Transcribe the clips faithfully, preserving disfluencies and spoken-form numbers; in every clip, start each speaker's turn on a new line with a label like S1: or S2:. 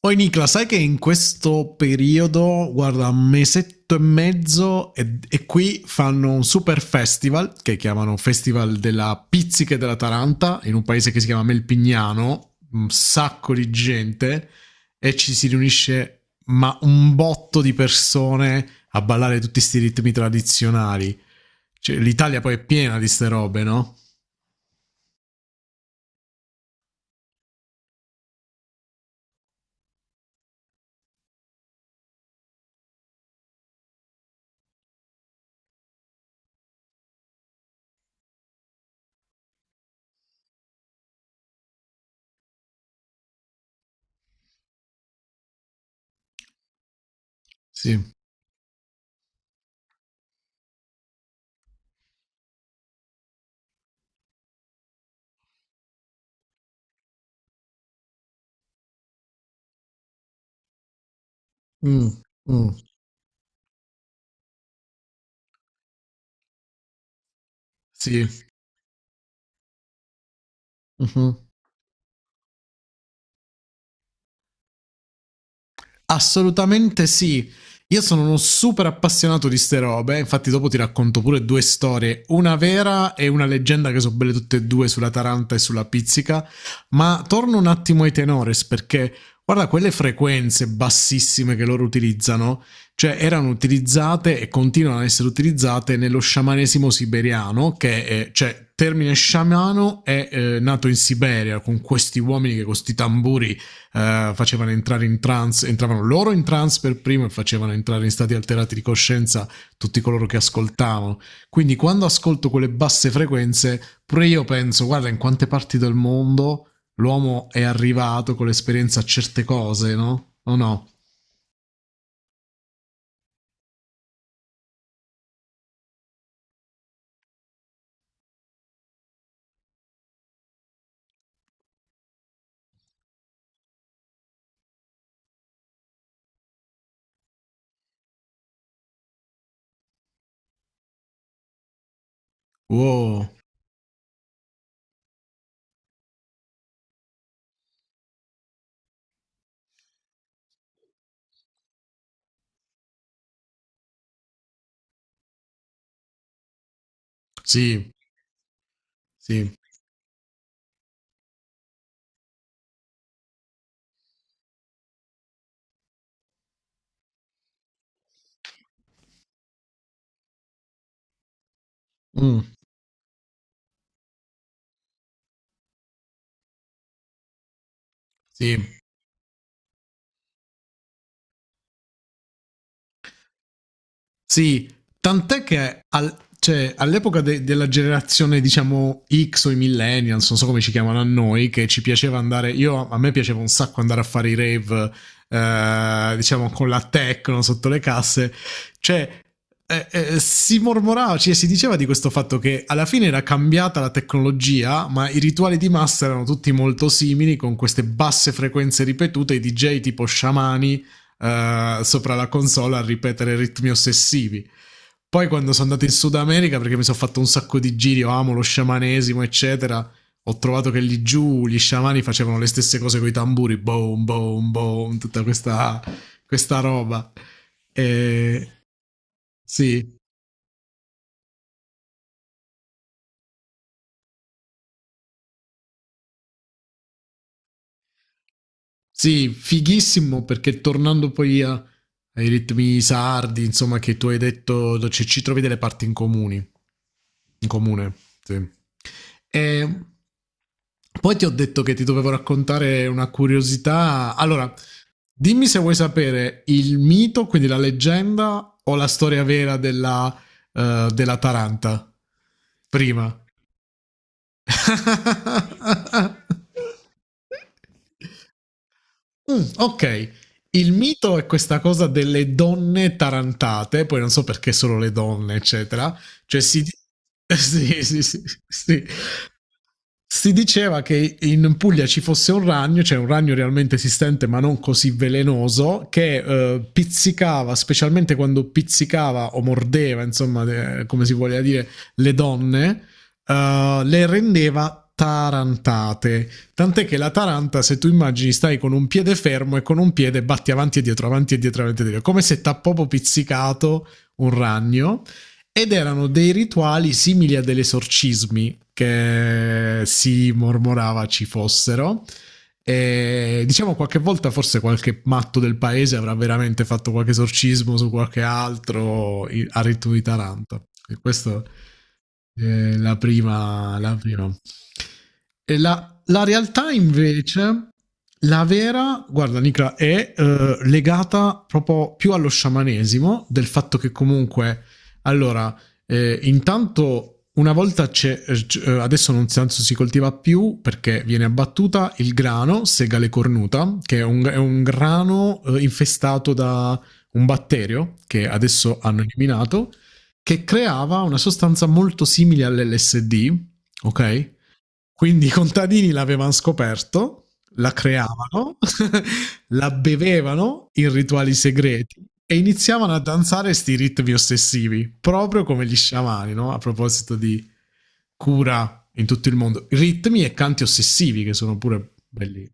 S1: Poi Nicola, sai che in questo periodo, guarda, un mesetto e mezzo e, e qui fanno un super festival che chiamano Festival della Pizzica e della Taranta in un paese che si chiama Melpignano, un sacco di gente e ci si riunisce ma un botto di persone a ballare tutti questi ritmi tradizionali. Cioè, l'Italia poi è piena di ste robe, no? Sì. Mm, mm, sì. Mhm. Assolutamente sì. Io sono uno super appassionato di ste robe, infatti dopo ti racconto pure due storie, una vera e una leggenda che sono belle tutte e due sulla Taranta e sulla Pizzica, ma torno un attimo ai tenores perché guarda quelle frequenze bassissime che loro utilizzano, cioè erano utilizzate e continuano ad essere utilizzate nello sciamanesimo siberiano, che è, cioè termine sciamano è eh, nato in Siberia con questi uomini che con questi tamburi Uh, facevano entrare in trance, entravano loro in trance per primo e facevano entrare in stati alterati di coscienza tutti coloro che ascoltavano. Quindi quando ascolto quelle basse frequenze, pure io penso, guarda in quante parti del mondo l'uomo è arrivato con l'esperienza a certe cose, no? O no? Wow, sì, sì, mm, sì. Sì, tant'è che al- cioè, all'epoca de- della generazione, diciamo, X o i millennials, non so come ci chiamano a noi, che ci piaceva andare, io a me piaceva un sacco andare a fare i rave, eh, diciamo, con la techno sotto le casse, cioè, eh, eh, si mormorava, cioè, si diceva di questo fatto che alla fine era cambiata la tecnologia, ma i rituali di massa erano tutti molto simili, con queste basse frequenze ripetute, i D J tipo sciamani uh, sopra la console a ripetere ritmi ossessivi. Poi quando sono andato in Sud America, perché mi sono fatto un sacco di giri, io amo lo sciamanesimo, eccetera, ho trovato che lì giù gli sciamani facevano le stesse cose con i tamburi, boom, boom, boom, tutta questa, questa roba. E, sì, sì, fighissimo perché tornando poi a- ai ritmi sardi, insomma, che tu hai detto, do- ci, ci trovi delle parti in comuni. In comune, sì. E poi ti ho detto che ti dovevo raccontare una curiosità. Allora, dimmi se vuoi sapere il mito, quindi la leggenda o la storia vera della, eh, della Taranta. Prima. Mh, okay. Il mito è questa cosa delle donne tarantate, poi non so perché solo le donne, eccetera. Cioè si di sì, sì, sì, sì. Si diceva che in Puglia ci fosse un ragno, cioè un ragno realmente esistente ma non così velenoso, che, ehm, pizzicava, specialmente quando pizzicava o mordeva, insomma, de come si voglia dire, le donne, ehm, le rendeva tarantate. Tant'è che l'Ataranta, se tu immagini, stai con un piede fermo e con un piede batti avanti e dietro, avanti e dietro, avanti e dietro, come se t'ha proprio pizzicato un ragno. Ed erano dei rituali simili a degli esorcismi che si mormorava ci fossero. E diciamo qualche volta forse qualche matto del paese avrà veramente fatto qualche esorcismo su qualche altro a ritmo di Taranto. E questa è la prima. La prima. E la la realtà invece, la vera, guarda Nicola, è eh, legata proprio più allo sciamanesimo, del fatto che comunque, allora, eh, intanto una volta c'è, eh, adesso non si, anzi, si coltiva più perché viene abbattuta il grano, segale cornuta, che è un, è un, grano eh, infestato da un batterio che adesso hanno eliminato, che creava una sostanza molto simile all'L S D, ok? Quindi i contadini l'avevano scoperto, la creavano, la bevevano in rituali segreti e iniziavano a danzare sti ritmi ossessivi, proprio come gli sciamani, no? A proposito di cura in tutto il mondo, ritmi e canti ossessivi che sono pure belli.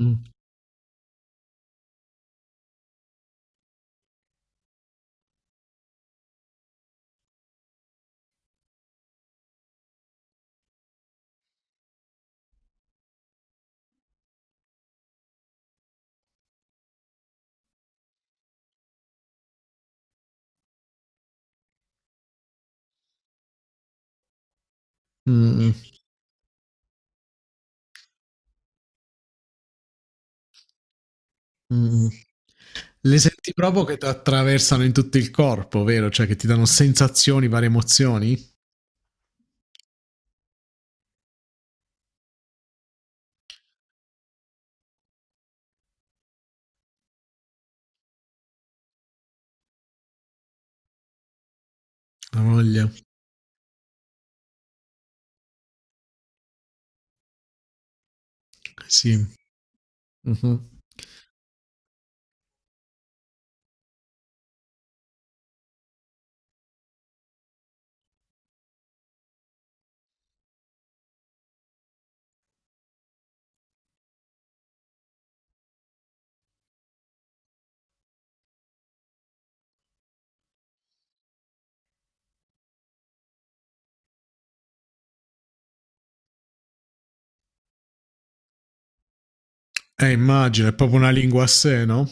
S1: Mm. Mm. Mm. Le senti proprio che ti attraversano in tutto il corpo, vero? Cioè che ti danno sensazioni, varie emozioni? La voglia, sì. Mhm. Eh, immagino, è proprio una lingua a sé, no?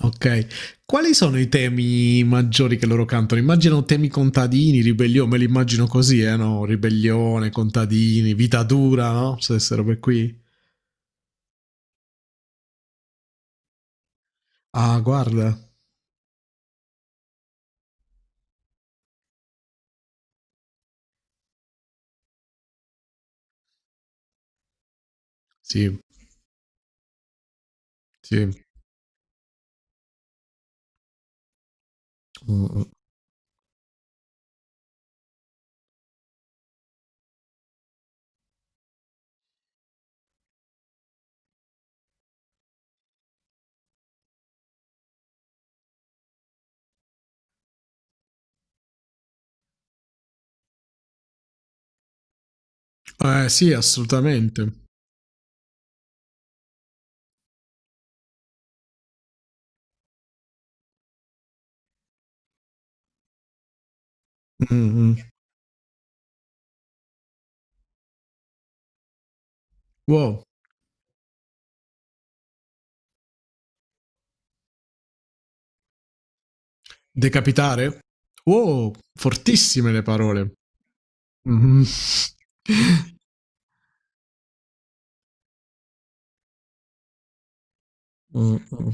S1: Ok. Quali sono i temi maggiori che loro cantano? Immagino temi contadini, ribellione, me li immagino così, eh, no? Ribellione, contadini, vita dura, no? Se queste robe qui. Ah, guarda. Sì, sì. Mm. Eh, sì, assolutamente. Mm, mm. Wow. Decapitare? Wow, fortissime le parole. Mhm. Mm, mm.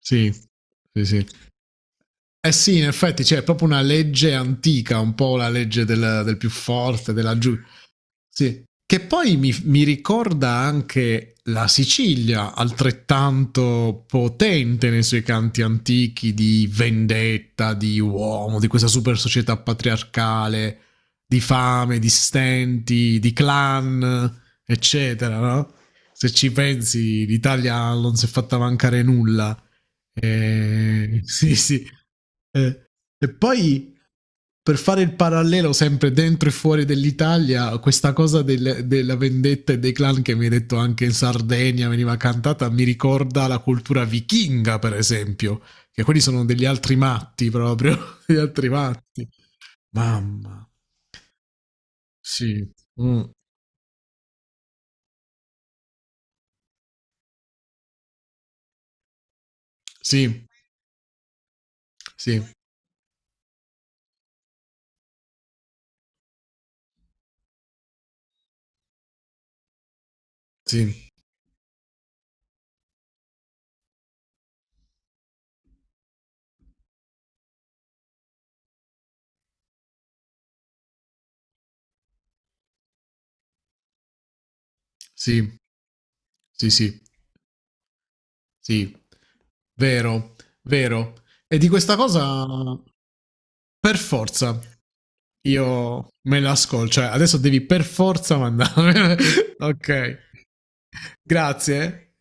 S1: Sì, sì, sì. Eh sì, in effetti c'è proprio una legge antica, un po' la legge del, del più forte, della giù. Sì. Che poi mi, mi ricorda anche la Sicilia, altrettanto potente nei suoi canti antichi di vendetta, di uomo, di questa super società patriarcale, di fame, di stenti, di clan, eccetera, no? Se ci pensi, l'Italia non si è fatta mancare nulla. Eh, sì, sì. Eh, e poi per fare il parallelo sempre dentro e fuori dell'Italia, questa cosa del- della vendetta e dei clan che mi hai detto anche in Sardegna veniva cantata, mi ricorda la cultura vichinga, per esempio, che quelli sono degli altri matti proprio, degli altri matti. Mamma, sì, mm, sì, sì, sì, sì, sì, sì, sì, vero, vero. E di questa cosa per forza io me la ascolto. Cioè, adesso devi per forza mandarmi. Ok. Grazie.